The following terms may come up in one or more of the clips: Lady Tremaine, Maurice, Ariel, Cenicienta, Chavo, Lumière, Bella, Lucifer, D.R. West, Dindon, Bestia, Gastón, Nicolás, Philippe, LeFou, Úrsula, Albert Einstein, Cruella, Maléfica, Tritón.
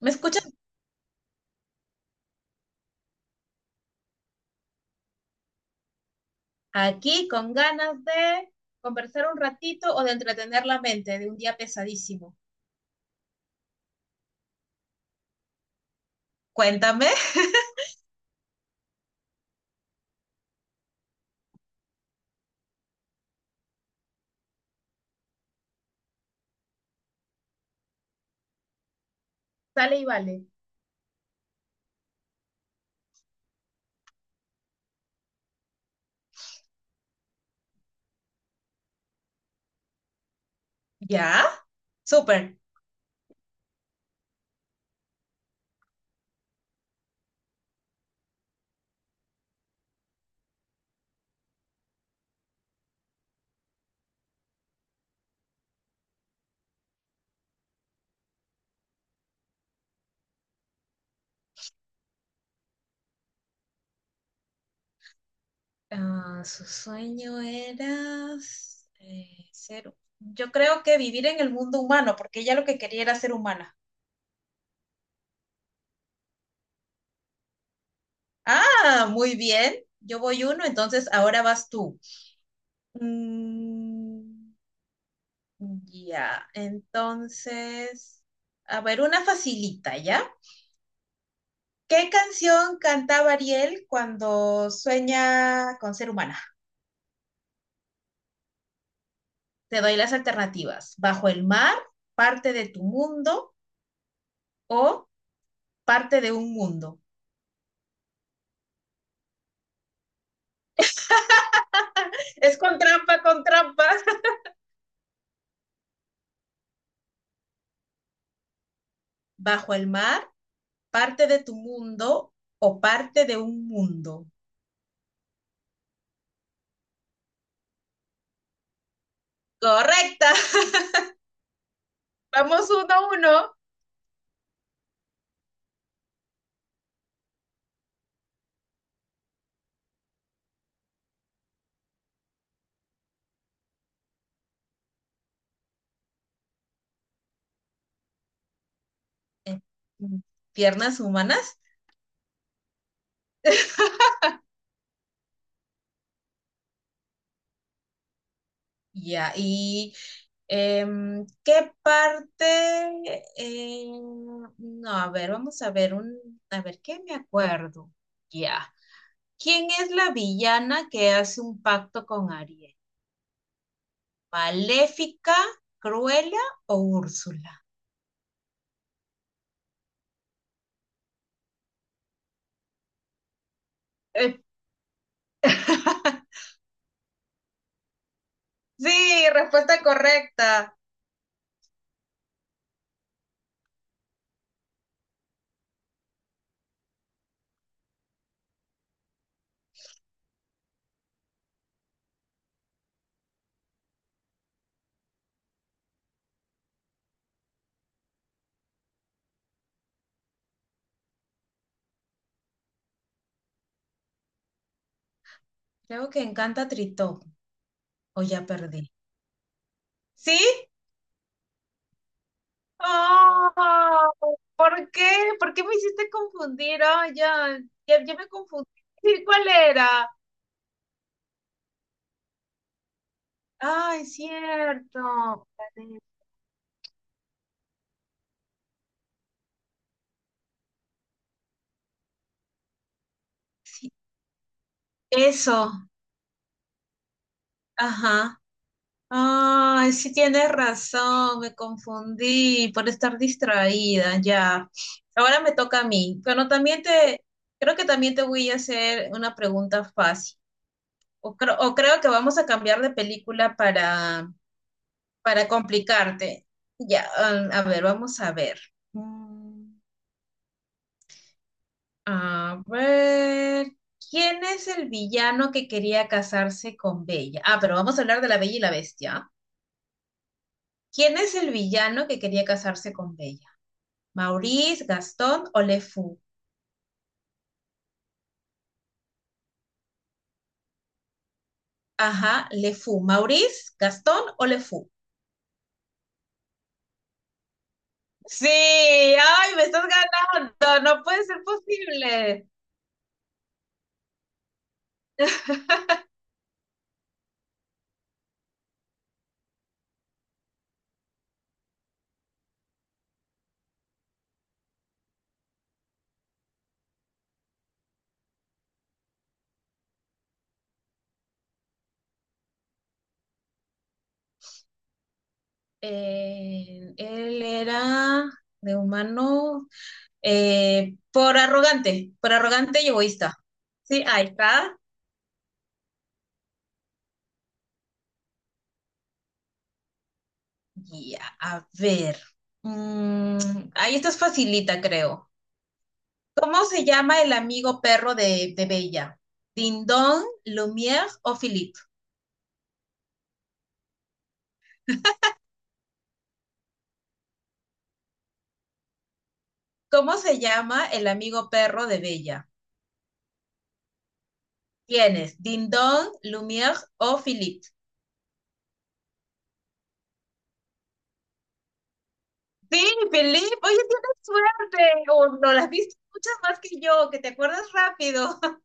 ¿Me escuchas? Aquí con ganas de conversar un ratito o de entretener la mente de un día pesadísimo. Cuéntame. Sale y vale. ¿Ya? Súper. Ah, su sueño era ser... Yo creo que vivir en el mundo humano, porque ella lo que quería era ser humana. Ah, muy bien. Yo voy uno, entonces ahora vas tú. Mm, ya, entonces... A ver, una facilita, ¿ya? ¿Qué canción cantaba Ariel cuando sueña con ser humana? Te doy las alternativas. Bajo el mar, parte de tu mundo o parte de un mundo. Es con trampa, con trampa. Bajo el mar, parte de tu mundo o parte de un mundo. Correcta. Vamos uno a uno. Piernas humanas. Ya, y ¿qué parte? No, a ver, vamos a ver a ver, ¿qué me acuerdo? Ya. ¿Quién es la villana que hace un pacto con Ariel? ¿Maléfica, Cruella o Úrsula? Eh, sí, respuesta correcta. Creo que encanta Tritón. O ya perdí. ¿Sí? Oh, ¿por qué? ¿Por qué me hiciste confundir? Oh, ya, ya, ya me confundí. Sí, ¿cuál era? Ay, cierto. Sí, eso. Ajá. Ay, sí tienes razón, me confundí por estar distraída, ya. Ahora me toca a mí, pero también te, creo que también te voy a hacer una pregunta fácil. O, o creo que vamos a cambiar de película para complicarte. Ya, ah, a ver, vamos a ver. Mm, A ver, ¿quién es el villano que quería casarse con Bella? Ah, pero vamos a hablar de la Bella y la Bestia, ¿ah? ¿Quién es el villano que quería casarse con Bella? ¿Maurice, Gastón o LeFou? Ajá, LeFou. ¿Maurice, Gastón o LeFou? Sí, ay, me estás ganando, no puede ser posible. Él era de humano por arrogante y egoísta. Sí, ahí está. Ya, a ver. Ahí esta es facilita, creo. ¿Cómo se llama el amigo perro de Bella? ¿Dindon, Lumière o Philippe? ¿Cómo se llama el amigo perro de Bella? Tienes Dindon, Lumière o Philippe. Sí, Felipe, oye, tienes suerte, o no las viste muchas más que yo, que te acuerdas rápido.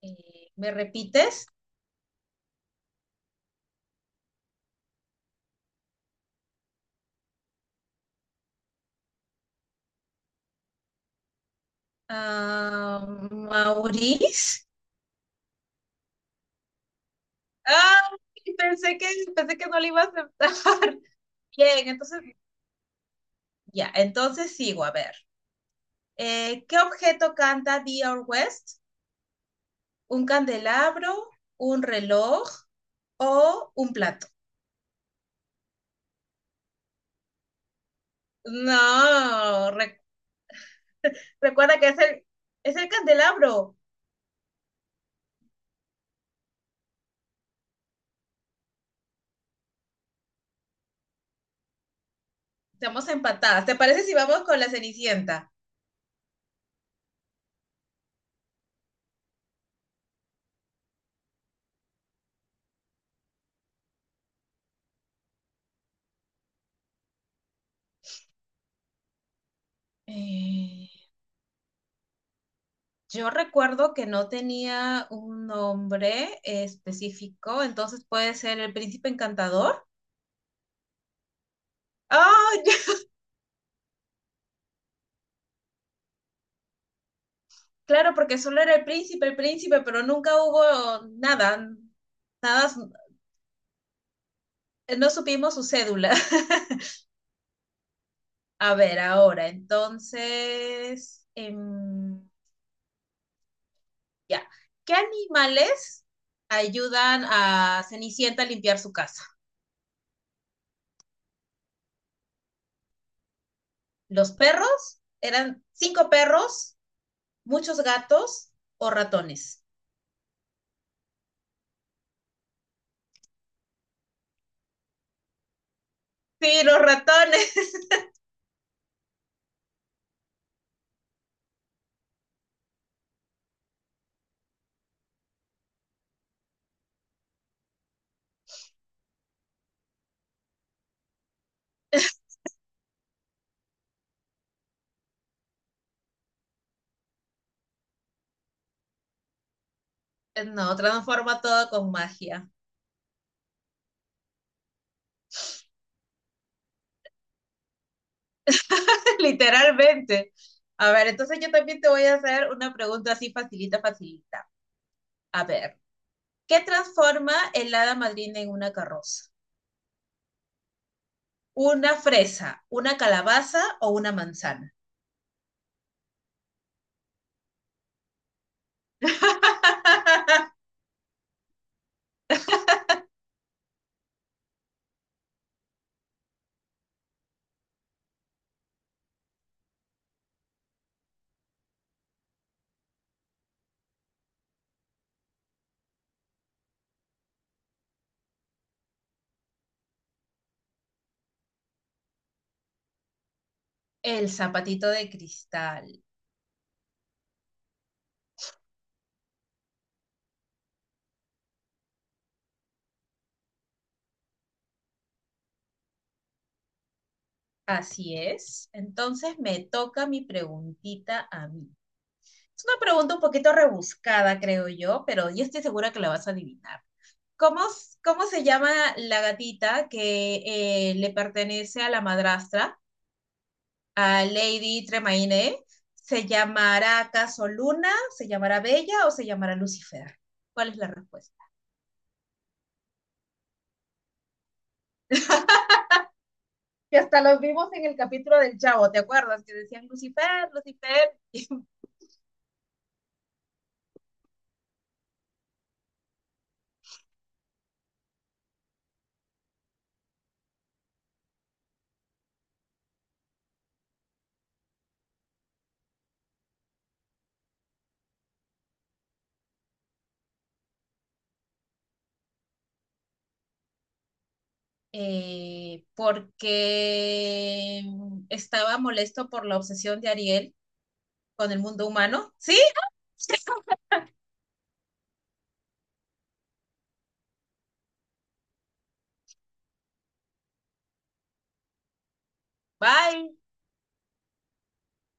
¿Me repites? Ah, Maurice. Ah, pensé que, pensé que no le iba a aceptar. Bien, entonces, ya, entonces sigo, a ver. ¿Qué objeto canta D.R. West? ¿Un candelabro, un reloj o un plato? No, recuerda que es el candelabro. Estamos empatadas. ¿Te parece si vamos con la Cenicienta? Eh, yo recuerdo que no tenía un nombre específico, entonces puede ser el príncipe encantador. ¡Ah! Ya, claro, porque solo era el príncipe, pero nunca hubo nada, nada, su- no supimos su cédula. A ver, ahora, entonces, ya. ¿Qué animales ayudan a Cenicienta a limpiar su casa? Los perros, eran cinco perros, muchos gatos o ratones. Sí, los ratones. No, transforma todo con magia. Literalmente. A ver, entonces yo también te voy a hacer una pregunta así facilita, facilita. A ver, ¿qué transforma el hada madrina en una carroza? ¿Una fresa, una calabaza o una manzana? El zapatito de cristal. Así es. Entonces me toca mi preguntita a mí. Es una pregunta un poquito rebuscada, creo yo, pero yo estoy segura que la vas a adivinar. ¿Cómo, cómo se llama la gatita que le pertenece a la madrastra, a Lady Tremaine? ¿Se llamará acaso Luna? ¿Se llamará Bella o se llamará Lucifer? ¿Cuál es la respuesta? Que hasta los vimos en el capítulo del Chavo, ¿te acuerdas? Que decían Lucifer, Lucifer, porque estaba molesto por la obsesión de Ariel con el mundo humano, ¿sí? Bye.